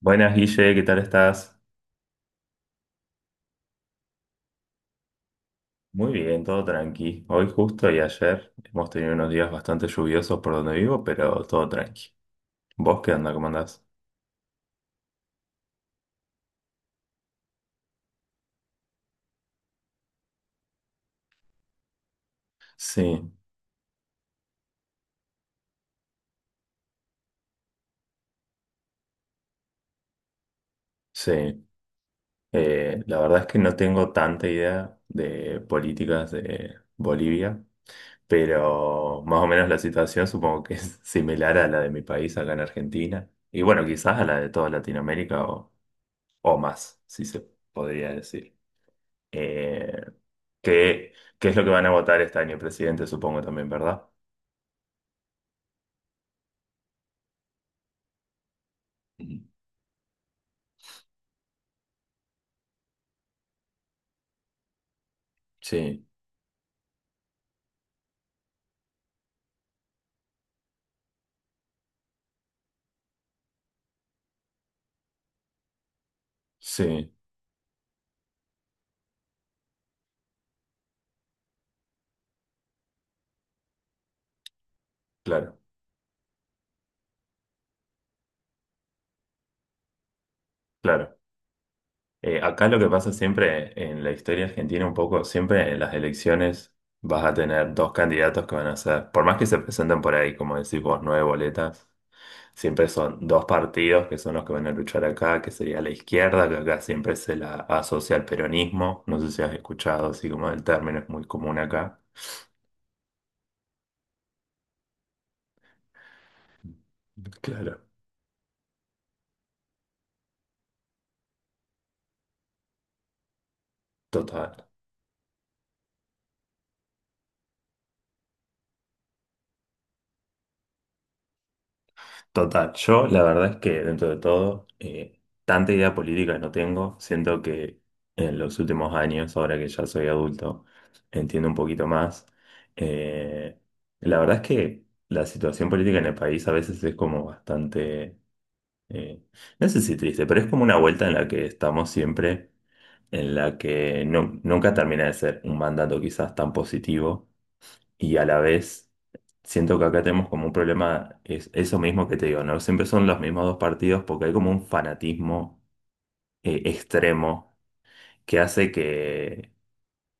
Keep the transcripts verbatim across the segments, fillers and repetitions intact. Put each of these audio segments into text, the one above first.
Buenas, Guille, ¿qué tal estás? Muy bien, todo tranqui. Hoy justo y ayer hemos tenido unos días bastante lluviosos por donde vivo, pero todo tranqui. ¿Vos qué onda? ¿Cómo andás? Sí, sí. Eh, la verdad es que no tengo tanta idea de políticas de Bolivia, pero más o menos la situación supongo que es similar a la de mi país acá en Argentina. Y bueno, quizás a la de toda Latinoamérica o, o más, si se podría decir. Eh, ¿qué, qué es lo que van a votar este año, presidente, supongo también, ¿verdad? Ujú. Sí, sí, claro, claro. Eh, acá lo que pasa siempre en la historia argentina un poco, siempre en las elecciones vas a tener dos candidatos que van a ser, por más que se presenten por ahí, como decís vos, nueve boletas, siempre son dos partidos que son los que van a luchar acá, que sería la izquierda, que acá siempre se la asocia al peronismo, no sé si has escuchado, así como el término es muy común acá. Claro, total. Total, yo la verdad es que dentro de todo, eh, tanta idea política no tengo. Siento que en los últimos años, ahora que ya soy adulto, entiendo un poquito más. Eh, la verdad es que la situación política en el país a veces es como bastante, eh, no sé si triste, pero es como una vuelta en la que estamos siempre, en la que no- nunca termina de ser un mandato quizás tan positivo y a la vez siento que acá tenemos como un problema, es eso mismo que te digo, ¿no? Siempre son los mismos dos partidos porque hay como un fanatismo eh, extremo que hace que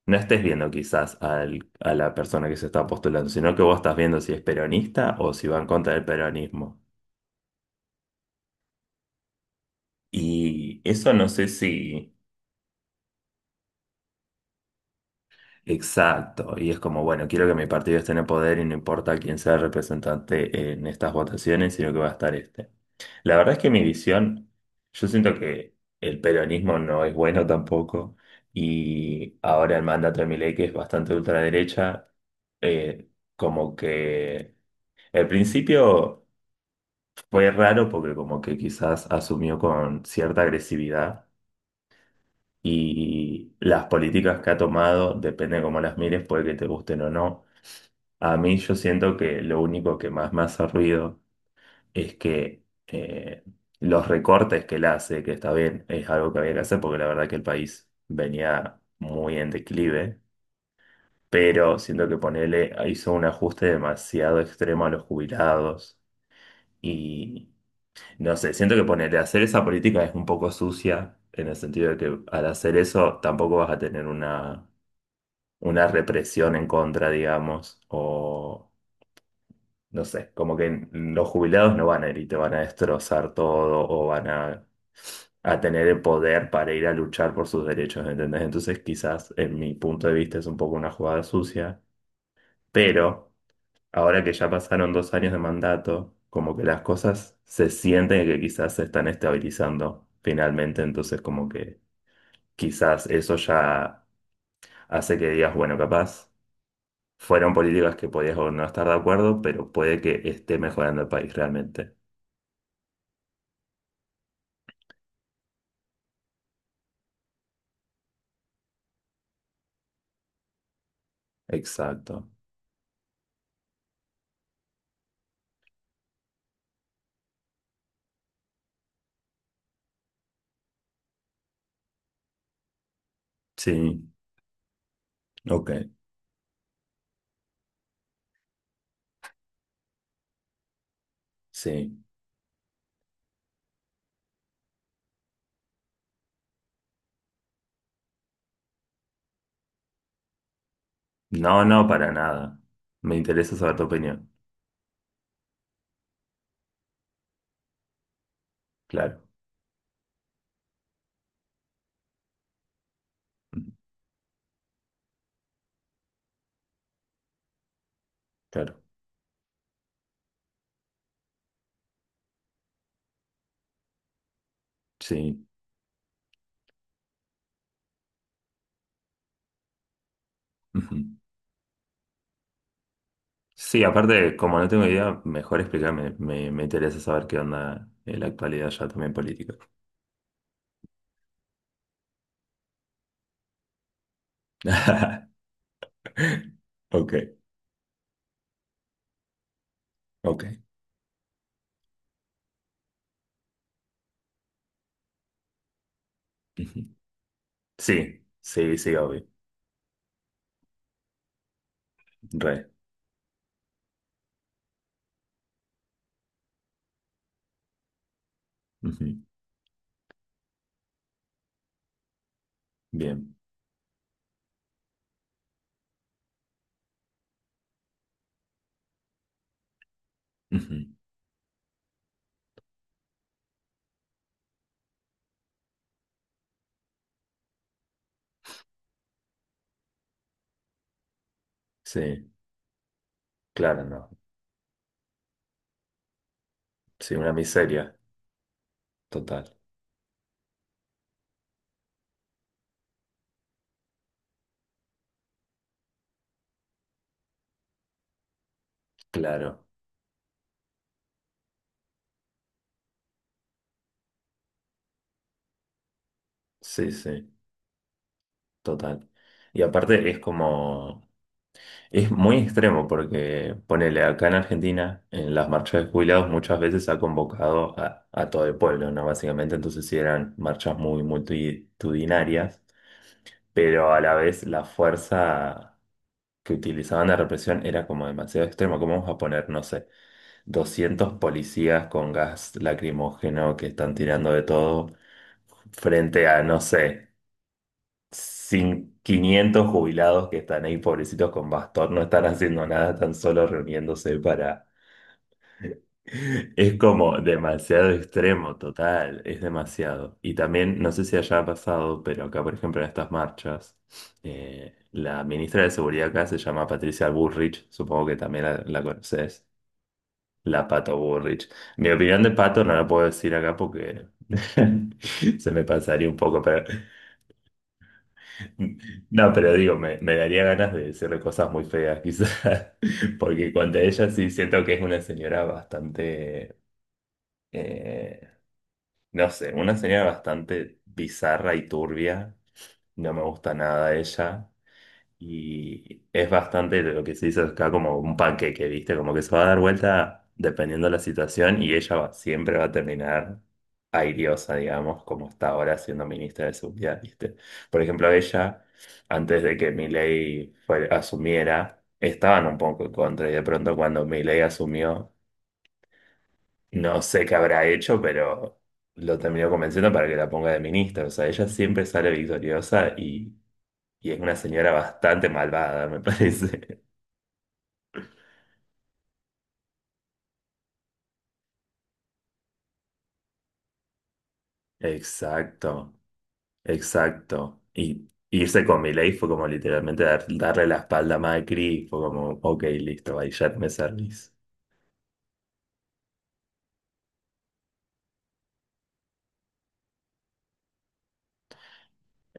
no estés viendo quizás al- a la persona que se está postulando, sino que vos estás viendo si es peronista o si va en contra del peronismo. Y eso no sé si... Exacto, y es como, bueno, quiero que mi partido esté en el poder y no importa quién sea el representante en estas votaciones, sino que va a estar este. La verdad es que mi visión, yo siento que el peronismo no es bueno tampoco, y ahora el mandato de Milei, que es bastante ultraderecha, eh, como que al principio fue raro porque como que quizás asumió con cierta agresividad. Y las políticas que ha tomado, depende de cómo las mires, puede que te gusten o no. A mí yo siento que lo único que más me hace ruido es que eh, los recortes que él hace, que está bien, es algo que había que hacer porque la verdad que el país venía muy en declive, pero siento que ponerle hizo un ajuste demasiado extremo a los jubilados y no sé, siento que ponerle hacer esa política es un poco sucia en el sentido de que al hacer eso tampoco vas a tener una, una, represión en contra, digamos, o no sé, como que los jubilados no van a ir y te van a destrozar todo o van a, a tener el poder para ir a luchar por sus derechos, ¿entendés? Entonces quizás en mi punto de vista es un poco una jugada sucia, pero ahora que ya pasaron dos años de mandato, como que las cosas se sienten que quizás se están estabilizando finalmente, entonces como que quizás eso ya hace que digas, bueno, capaz. Fueron políticas que podías o no estar de acuerdo, pero puede que esté mejorando el país realmente. Exacto. Sí, ok, sí. No, no, para nada. Me interesa saber tu opinión. Claro, ujú, claro, sí. Ujú. Sí, aparte, como no tengo idea, mejor explícame. Me, me interesa saber qué onda en la actualidad ya también política. Ok, ok. Ujú. Sí, sí, sí, obvio. Re. Ujú. Bien. Ujú. Sí, claro, no. Sí, una miseria. Total. Claro. Sí, sí. Total. Y aparte es como, es muy extremo porque ponele acá en Argentina, en las marchas de jubilados muchas veces ha convocado a, a, todo el pueblo, ¿no? Básicamente, entonces sí eran marchas muy multitudinarias, pero a la vez la fuerza que utilizaban de represión era como demasiado extrema. ¿Cómo vamos a poner, no sé, doscientos policías con gas lacrimógeno que están tirando de todo frente a, no sé sin quinientos jubilados que están ahí, pobrecitos con bastón, no están haciendo nada, están solo reuniéndose para... Es como demasiado extremo, total, es demasiado. Y también, no sé si allá ha pasado, pero acá, por ejemplo, en estas marchas, eh, la ministra de Seguridad acá se llama Patricia Bullrich, supongo que también la, la, conoces, la Pato Bullrich. Mi opinión de Pato no la puedo decir acá porque se me pasaría un poco, pero no, pero digo, me, me daría ganas de decirle cosas muy feas, quizás, porque cuanto a ella sí siento que es una señora bastante, eh, no sé, una señora bastante bizarra y turbia, no me gusta nada ella, y es bastante lo que se dice acá como un panqueque, ¿viste? Como que se va a dar vuelta dependiendo de la situación y ella va- siempre va a terminar airiosa, digamos, como está ahora siendo ministra de Seguridad, ¿viste? Por ejemplo, ella, antes de que Milei fue- asumiera, estaban un poco en contra y de pronto cuando Milei asumió, no sé qué habrá hecho, pero lo terminó convenciendo para que la ponga de ministra. O sea, ella siempre sale victoriosa y, y es una señora bastante malvada, me parece. Exacto, exacto. Y irse con Milei fue como literalmente dar- darle la espalda a Macri, y fue como, ok, listo, ahí ya me servís.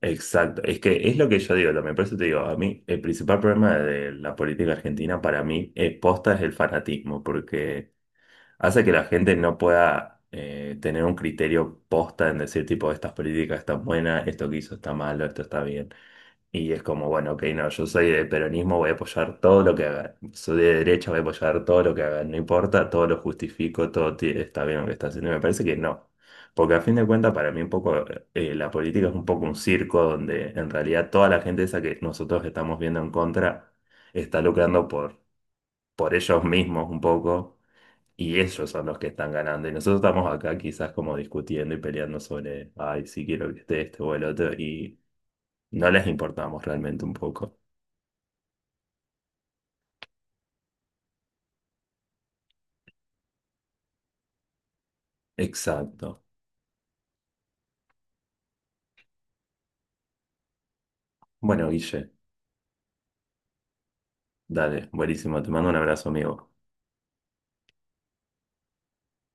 Exacto, es que es lo que yo digo también, por eso te digo, a mí el principal problema de la política argentina para mí es posta es el fanatismo, porque hace que la gente no pueda eh, tener un criterio posta en decir tipo, estas políticas están buenas, esto que hizo está malo, esto está bien. Y es como, bueno, ok, no, yo soy de peronismo, voy a apoyar todo lo que haga. Soy de derecha, voy a apoyar todo lo que haga. No importa, todo lo justifico, todo ti- está bien lo que está haciendo. Y me parece que no. Porque a fin de cuentas, para mí un poco eh, la política es un poco un circo donde en realidad toda la gente esa que nosotros estamos viendo en contra está lucrando por, por, ellos mismos un poco y ellos son los que están ganando. Y nosotros estamos acá quizás como discutiendo y peleando sobre, ay, sí quiero que esté este o el otro y no les importamos realmente un poco. Exacto. Bueno, Guille, dale, buenísimo. Te mando un abrazo, amigo.